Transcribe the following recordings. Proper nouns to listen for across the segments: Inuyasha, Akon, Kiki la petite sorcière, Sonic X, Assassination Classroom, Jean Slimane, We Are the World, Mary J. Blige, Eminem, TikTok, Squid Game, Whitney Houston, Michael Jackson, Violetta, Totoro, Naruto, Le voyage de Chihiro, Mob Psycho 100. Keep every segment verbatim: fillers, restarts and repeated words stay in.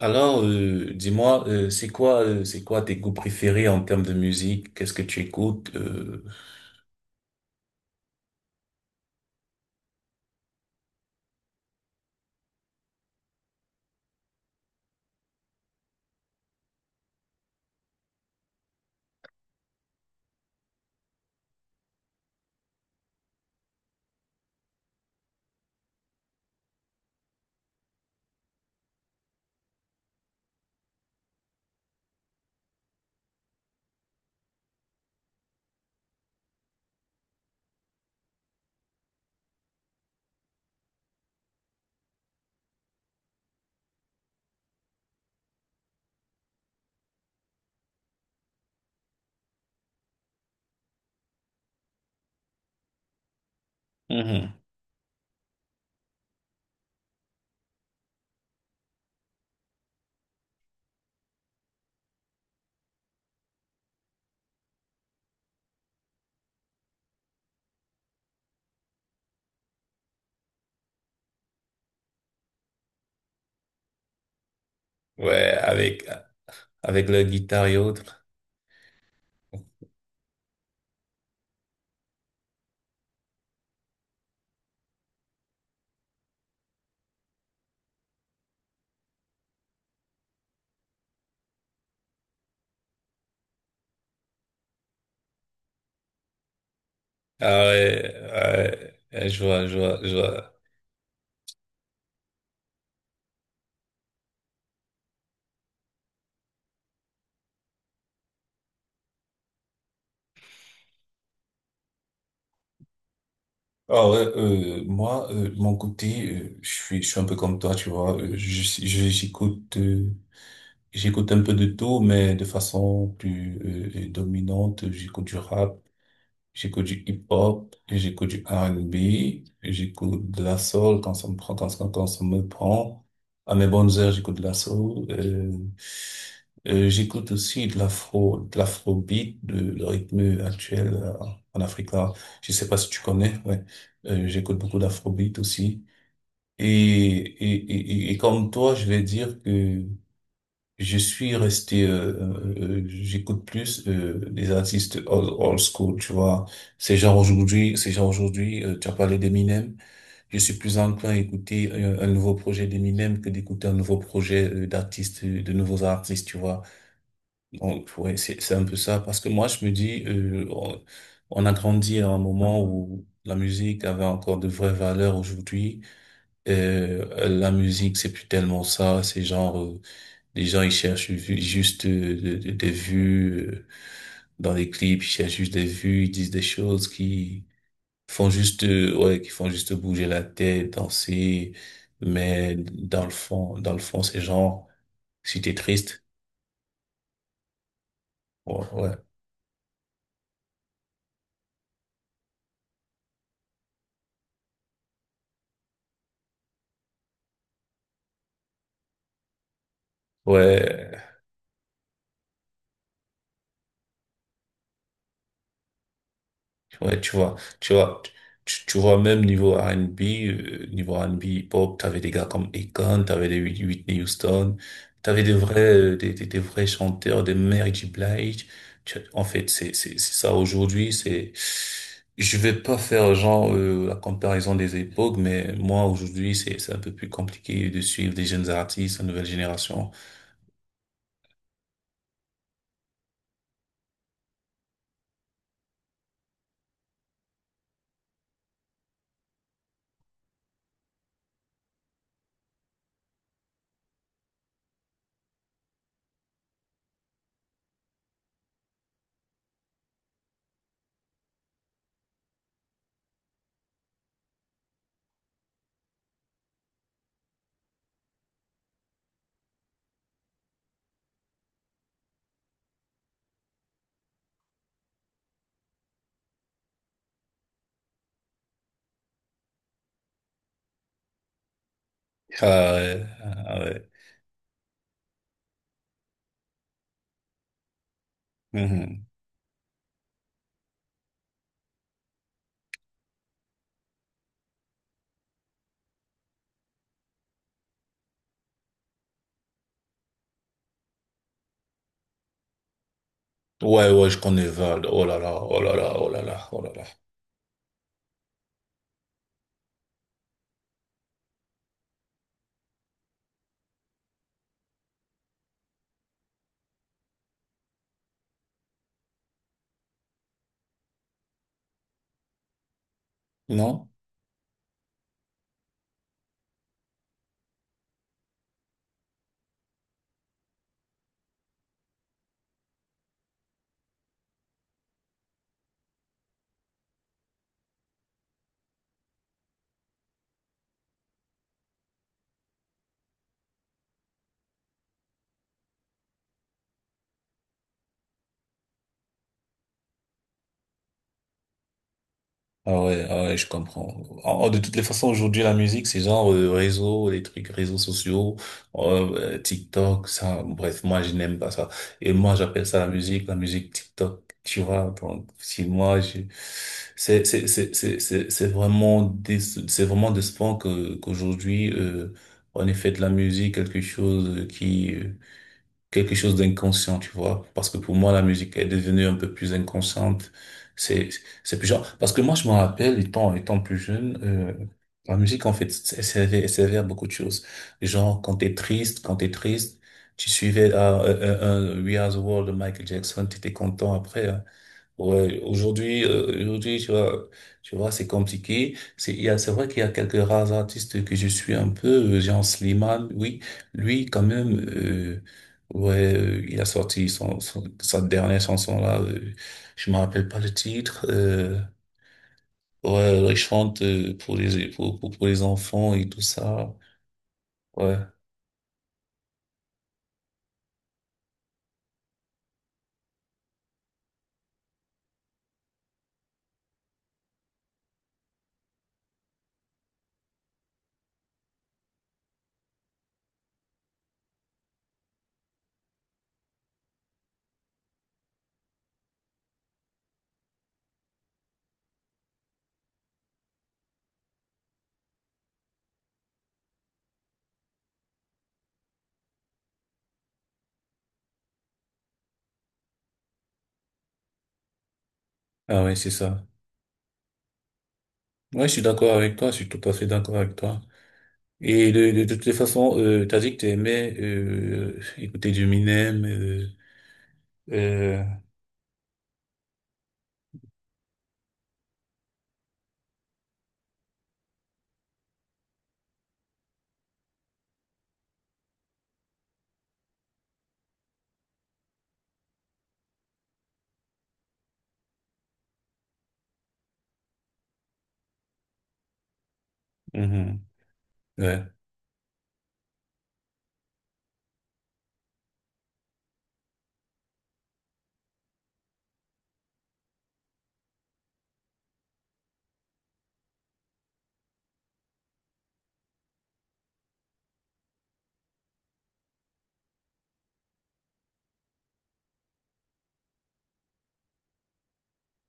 Alors, euh, dis-moi, euh, c'est quoi, euh, c'est quoi tes goûts préférés en termes de musique? Qu'est-ce que tu écoutes? Euh, Mhm. Ouais, avec avec la guitare et autres. Ah ouais, ouais, ouais, je vois, je vois, je vois. Ah ouais, euh, moi, euh, de mon côté, euh, je suis, je suis un peu comme toi, tu vois. euh, je, je- j'écoute, euh, j'écoute un peu de tout, mais de façon plus euh, euh, dominante, j'écoute du rap. J'écoute du hip-hop, j'écoute du R et B, j'écoute de la soul quand ça me prend, quand, ça- quand ça me prend. À mes bonnes heures, j'écoute de la soul. Euh, euh, j'écoute aussi de l'afro, de l'afrobeat, de le rythme actuel euh, en Afrique là. Je sais pas si tu connais, ouais. Euh, j'écoute beaucoup d'afrobeat aussi. Et, et, et, et et comme toi, je vais dire que je suis resté, euh, euh, euh, j'écoute plus euh, des artistes old, old school, tu vois. Ces gens aujourd'hui, ces gens aujourd'hui, euh, tu as parlé d'Eminem. Je suis plus enclin à écouter euh, un, nouveau projet d'Eminem que d'écouter un nouveau projet euh, d'artistes, euh, de nouveaux artistes, tu vois. Donc ouais, c'est c'est un peu ça. Parce que moi, je me dis, euh, on, on a grandi à un moment où la musique avait encore de vraies valeurs aujourd'hui. Euh, la musique, c'est plus tellement ça. C'est genre euh, les gens, ils cherchent ju- juste euh, de- de- des vues euh, dans les clips, ils cherchent juste des vues, ils disent des choses qui font juste, euh, ouais, qui font juste bouger la tête, danser. Mais dans le fond, dans le fond, c'est genre, si t'es triste, ouais, ouais, ouais. Ouais, tu vois, tu vois, tu, tu vois, même niveau R et B, euh, niveau R et B hip-hop, t'avais des gars comme Akon, t'avais des Whit- Whitney Houston, t'avais des vrais, euh, des, des, des vrais chanteurs, des Mary J. Blige. Tu- En fait, c'est, c'est, c'est ça aujourd'hui, c'est, je vais pas faire genre, euh, la comparaison des époques, mais moi, aujourd'hui, c'est, c'est un peu plus compliqué de suivre des jeunes artistes, une nouvelle génération. Ah, ouais, ah ouais. Mhm. Ouais, ouais, je connais Val. Oh là là, oh là là, oh là là, oh là là. Non? Ah ouais, ah ouais, je comprends. En- en- de toutes les façons, aujourd'hui, la musique, c'est genre euh, réseau, les trucs, réseaux sociaux, euh, euh, TikTok, ça. Bref, moi, je n'aime pas ça. Et moi, j'appelle ça la musique, la musique TikTok. Tu vois, donc, si moi, je... c'est, c'est, c'est, c'est, c'est c'est vraiment des, c'est vraiment décevant que, qu'aujourd'hui, euh, on ait fait de la musique quelque chose qui, euh, quelque chose d'inconscient, tu vois. Parce que pour moi, la musique est devenue un peu plus inconsciente. C'est, c'est plus genre, parce que moi, je me rappelle, étant, étant plus jeune, euh, la musique, en fait, elle servait, elle servait à beaucoup de choses. Genre, quand t'es triste, quand t'es triste, tu suivais, ah, euh, euh, euh, We Are the World de Michael Jackson, t'étais content après. Hein. Ouais, aujourd'hui, euh, aujourd'hui, tu vois, tu vois, c'est compliqué. C'est, il y a, c'est vrai qu'il y a quelques rares artistes que je suis un peu, euh, Jean Slimane, oui, lui, quand même, euh, ouais, euh, il a sorti son, son- sa dernière chanson là, euh, je me rappelle pas le titre, euh, ouais, il chante euh, pour les, pour, pour, pour les enfants et tout ça, ouais, ah ouais, c'est ça. Ouais, je suis d'accord avec toi, je suis tout à fait d'accord avec toi. Et de, de, de toutes les façons, euh, t'as dit que t'aimais euh, écouter du Minem. Euh, euh, mhm. Ouais,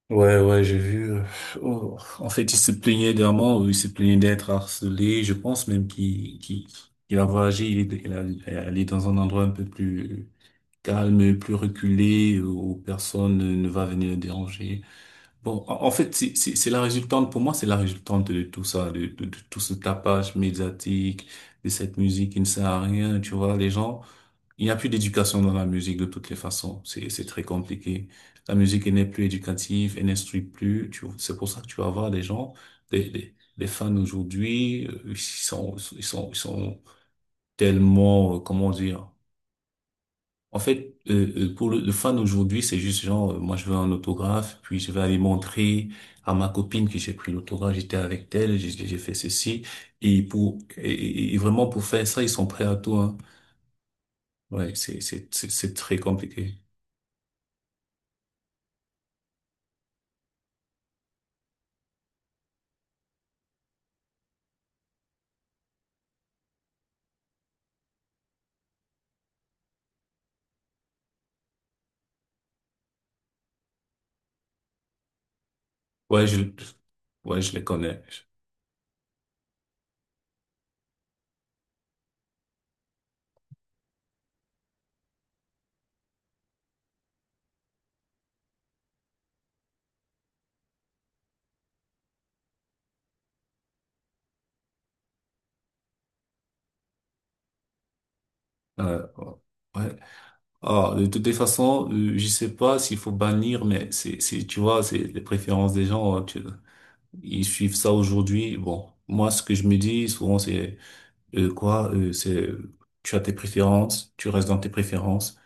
ouais, ouais, j'ai vu. euh, oh, En fait, il se plaignait d'un mort, il se plaignait d'être harcelé. Je pense même qu'il qu'il, qu'il a voyagé, il est, il a, il est allé dans un endroit un peu plus calme, plus reculé, où personne ne va venir le déranger. Bon, en en fait, c'est c'est- c'est la résultante, pour moi, c'est la résultante de tout ça, de, de, de tout ce tapage médiatique, de cette musique qui ne sert à rien, tu vois, les gens, il n'y a plus d'éducation dans la musique de toutes les façons, c'est c'est très compliqué. La musique, elle n'est plus éducative, elle n'instruit plus, tu vois, c'est pour ça que tu vas voir des gens, des, des, des fans aujourd'hui, euh, ils sont, ils sont, ils sont tellement, euh, comment dire, en fait, euh, euh, pour le, le fan aujourd'hui, c'est juste genre, euh, moi je veux un autographe, puis je vais aller montrer à ma copine que j'ai pris l'autographe, j'étais avec elle, j'ai j'ai fait ceci. Et pour et, et- et vraiment pour faire ça, ils sont prêts à tout, hein. Ouais, c'est c'est c'est c'est très compliqué. Ouais, je ouais, je les connais. Euh, ouais. Alors, de toutes les façons, euh, je sais pas s'il faut bannir, mais c'est c'est tu vois, c'est les préférences des gens. Hein, tu- ils suivent ça aujourd'hui. Bon, moi ce que je me dis souvent c'est Euh, quoi, euh, c'est, tu as tes préférences, tu restes dans tes préférences,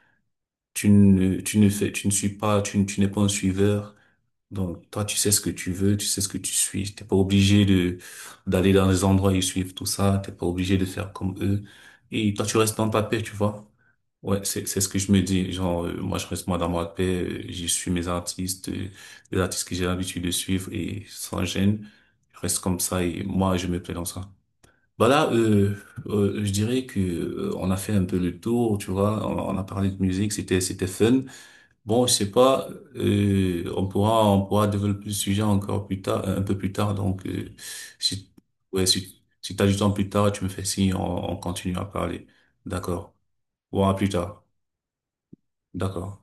tu ne, tu ne fais, tu ne suis pas, tu, ne- tu n'es pas un suiveur. Donc, toi, tu sais ce que tu veux, tu sais ce que tu suis. T'es pas obligé de, d'aller dans les endroits et suivre tout ça. T'es pas obligé de faire comme eux. Et toi, tu restes dans ta paix, tu vois. Ouais, c'est, c'est ce que je me dis. Genre, euh, moi, je reste moi dans ma paix. euh, J'y suis mes artistes, euh, les artistes que j'ai l'habitude de suivre et sans gêne. Je reste comme ça et moi, je me plais dans ça. Voilà, euh, euh, je dirais que euh, on a fait un peu le tour, tu vois. On, on a parlé de musique, c'était c'était fun. Bon, je sais pas, euh, on pourra on pourra développer le sujet encore plus tard, un peu plus tard. Donc, euh, si ouais, si si t'as du temps plus tard, tu me fais signe, on, on continue à parler. D'accord. Bon, à plus tard. D'accord.